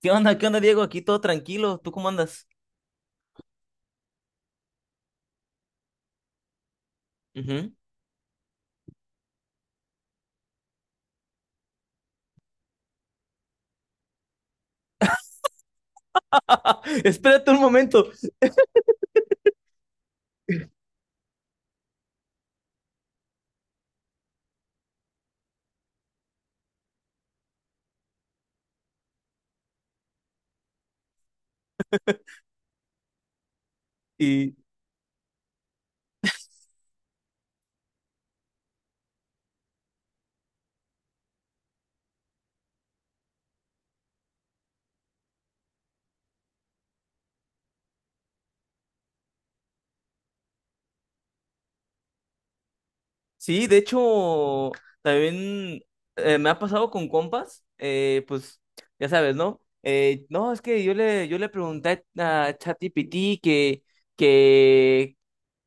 ¿Qué onda? ¿Qué onda, Diego? Aquí todo tranquilo. ¿Tú cómo andas? Ujú. Espérate un momento. Y sí, de hecho, también me ha pasado con compas, pues ya sabes, ¿no? No, es que yo le pregunté a ChatGPT que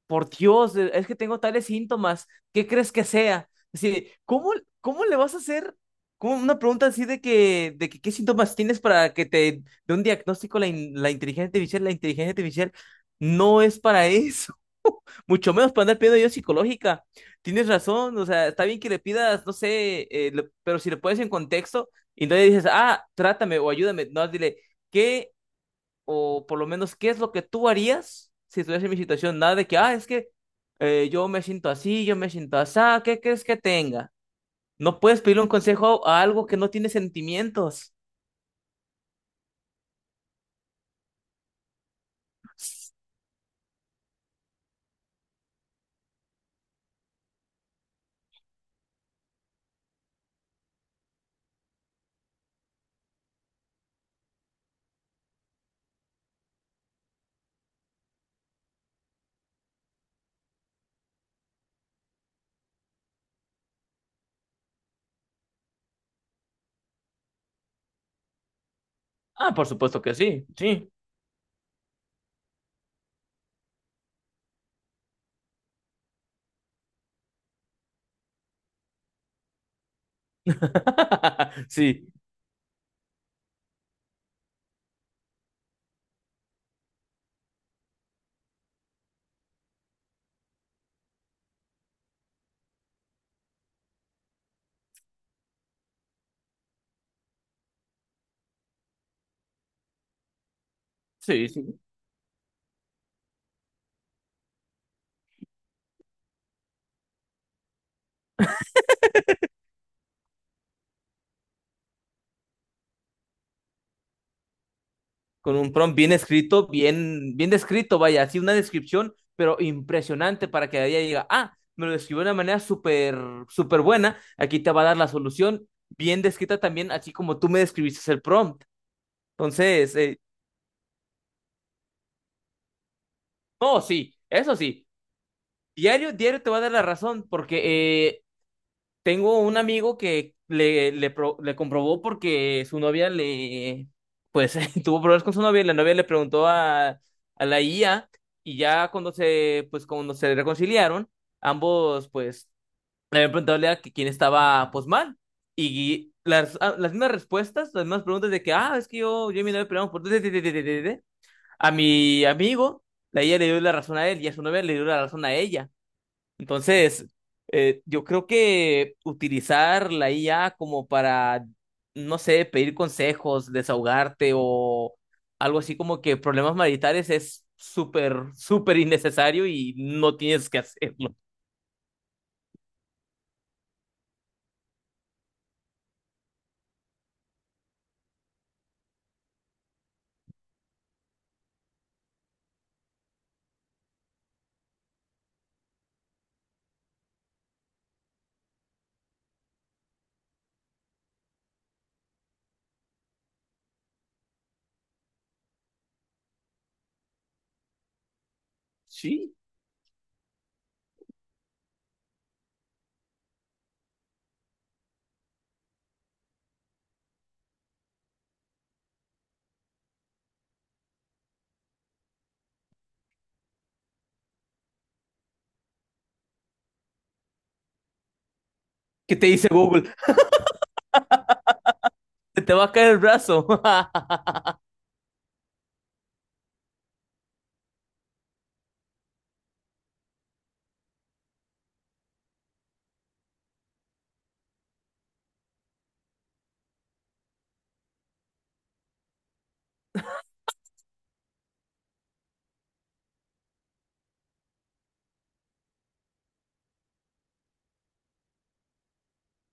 por Dios, es que tengo tales síntomas, ¿qué crees que sea? Así, ¿cómo, cómo le vas a hacer como una pregunta así de que qué síntomas tienes para que te dé un diagnóstico la inteligencia artificial? La inteligencia artificial no es para eso, mucho menos para andar pidiendo ayuda psicológica. Tienes razón, o sea, está bien que le pidas, no sé, pero si le pones en contexto y no le dices, ah, trátame o ayúdame, no, dile, ¿qué o por lo menos qué es lo que tú harías si estuvieras en mi situación, nada de que, ah, es que yo me siento así, yo me siento así, ¿qué crees que tenga? No puedes pedirle un consejo a algo que no tiene sentimientos. Ah, por supuesto que sí, sí. Sí, sí, sí. Con un prompt bien escrito, bien descrito, vaya, así una descripción, pero impresionante para que ella diga, ah, me lo describió de una manera súper, súper buena, aquí te va a dar la solución, bien descrita también, así como tú me describiste el prompt. Entonces, no, sí, eso sí, diario, diario te va a dar la razón, porque tengo un amigo que le comprobó porque su novia pues, tuvo problemas con su novia y la novia le preguntó a la IA y ya cuando se, pues, cuando se reconciliaron, ambos, pues, le habían preguntado a la IA que quién estaba, pues, mal. Y las, ah, las mismas respuestas, las mismas preguntas de que, ah, es que yo y mi novia peleamos por... A mi amigo, la ella le dio la razón a él y a su novia le dio la razón a ella. Entonces, yo creo que utilizar la IA como para, no sé, pedir consejos, desahogarte o algo así como que problemas maritales es súper, súper innecesario y no tienes que hacerlo. Sí. ¿Qué te dice Google? Se te va a caer el brazo.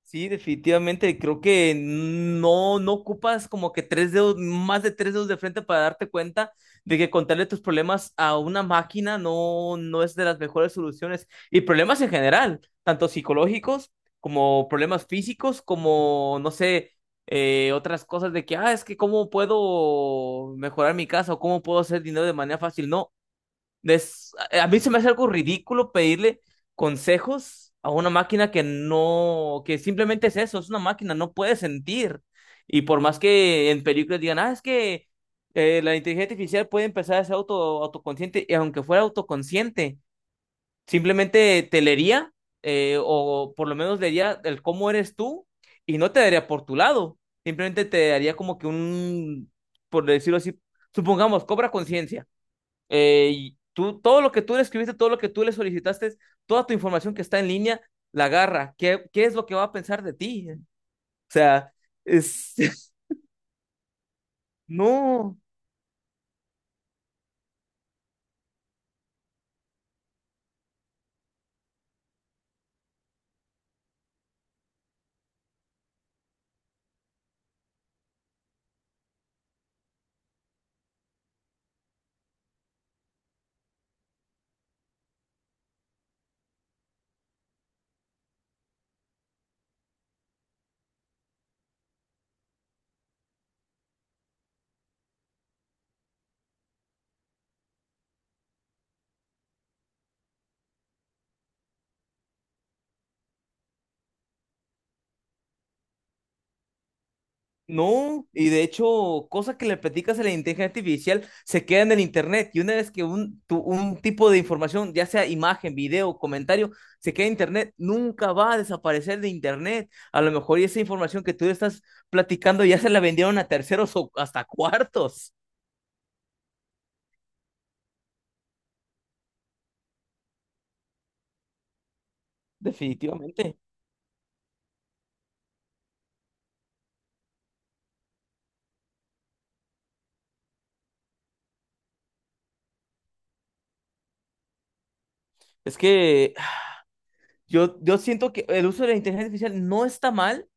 Sí, definitivamente. Creo que no, no ocupas como que tres dedos, más de tres dedos de frente para darte cuenta de que contarle tus problemas a una máquina no, no es de las mejores soluciones. Y problemas en general, tanto psicológicos como problemas físicos, como, no sé, otras cosas de que, ah, es que cómo puedo mejorar mi casa o cómo puedo hacer dinero de manera fácil. No a mí se me hace algo ridículo pedirle consejos a una máquina que no, que simplemente es eso, es una máquina, no puede sentir. Y por más que en películas digan, ah, es que la inteligencia artificial puede empezar a ser auto, autoconsciente, y aunque fuera autoconsciente, simplemente te leería, o por lo menos leería el cómo eres tú, y no te daría por tu lado, simplemente te daría como que un, por decirlo así, supongamos, cobra conciencia. Y tú, todo lo que tú le escribiste, todo lo que tú le solicitaste, toda tu información que está en línea, la agarra. ¿Qué, qué es lo que va a pensar de ti? O sea, es, no, no. Y de hecho, cosas que le platicas a la inteligencia artificial se queda en el internet. Y una vez que un tipo de información, ya sea imagen, video, comentario, se queda en internet, nunca va a desaparecer de internet. A lo mejor y esa información que tú estás platicando ya se la vendieron a terceros o hasta cuartos. Definitivamente. Es que ah, yo siento que el uso de la inteligencia artificial no está mal,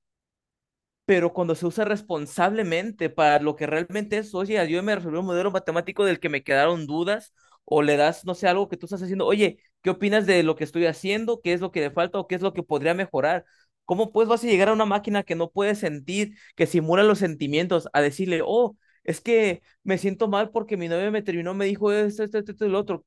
pero cuando se usa responsablemente para lo que realmente es, oye, ayúdame a resolver un modelo matemático del que me quedaron dudas, o le das, no sé, algo que tú estás haciendo, oye, ¿qué opinas de lo que estoy haciendo? ¿Qué es lo que le falta o qué es lo que podría mejorar? ¿Cómo pues vas a llegar a una máquina que no puede sentir, que simula los sentimientos, a decirle, oh, es que me siento mal porque mi novia me terminó, me dijo esto, esto, esto, esto y lo otro?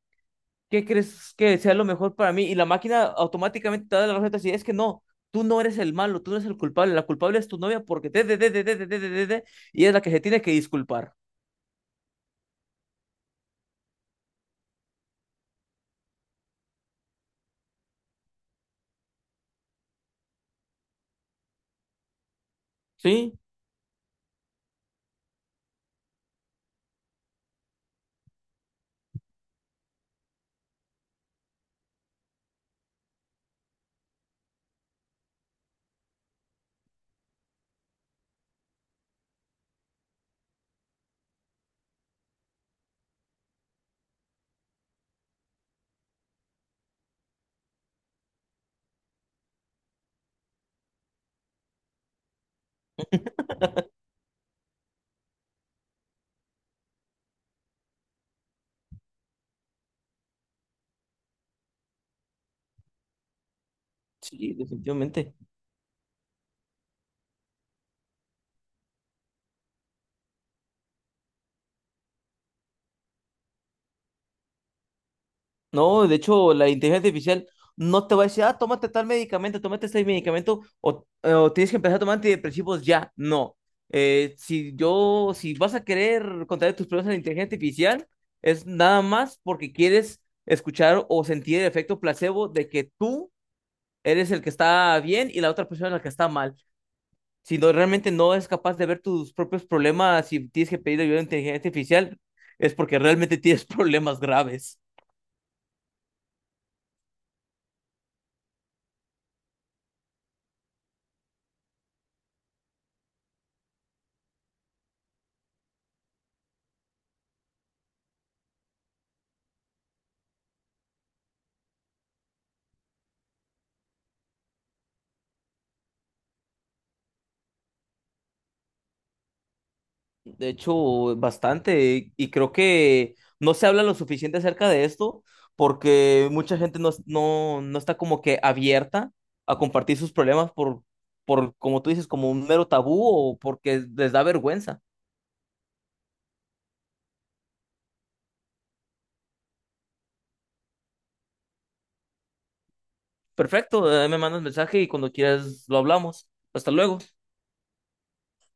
¿Qué crees que sea lo mejor para mí? Y la máquina automáticamente te da la receta así, es que no, tú no eres el malo, tú no eres el culpable, la culpable es tu novia porque te", y es la que se tiene que disculpar. Sí, sí, definitivamente. No, de hecho, la inteligencia artificial no te va a decir, ah, tómate tal medicamento, tómate este medicamento, o tienes que empezar a tomar antidepresivos ya. No. Si yo, si vas a querer contar tus problemas a la inteligencia artificial, es nada más porque quieres escuchar o sentir el efecto placebo de que tú eres el que está bien y la otra persona la que está mal. Si no, realmente no es capaz de ver tus propios problemas y tienes que pedir ayuda a la inteligencia artificial, es porque realmente tienes problemas graves. De hecho, bastante. Y creo que no se habla lo suficiente acerca de esto porque mucha gente no, no, no está como que abierta a compartir sus problemas por, como tú dices, como un mero tabú o porque les da vergüenza. Perfecto, me mandas mensaje y cuando quieras lo hablamos. Hasta luego.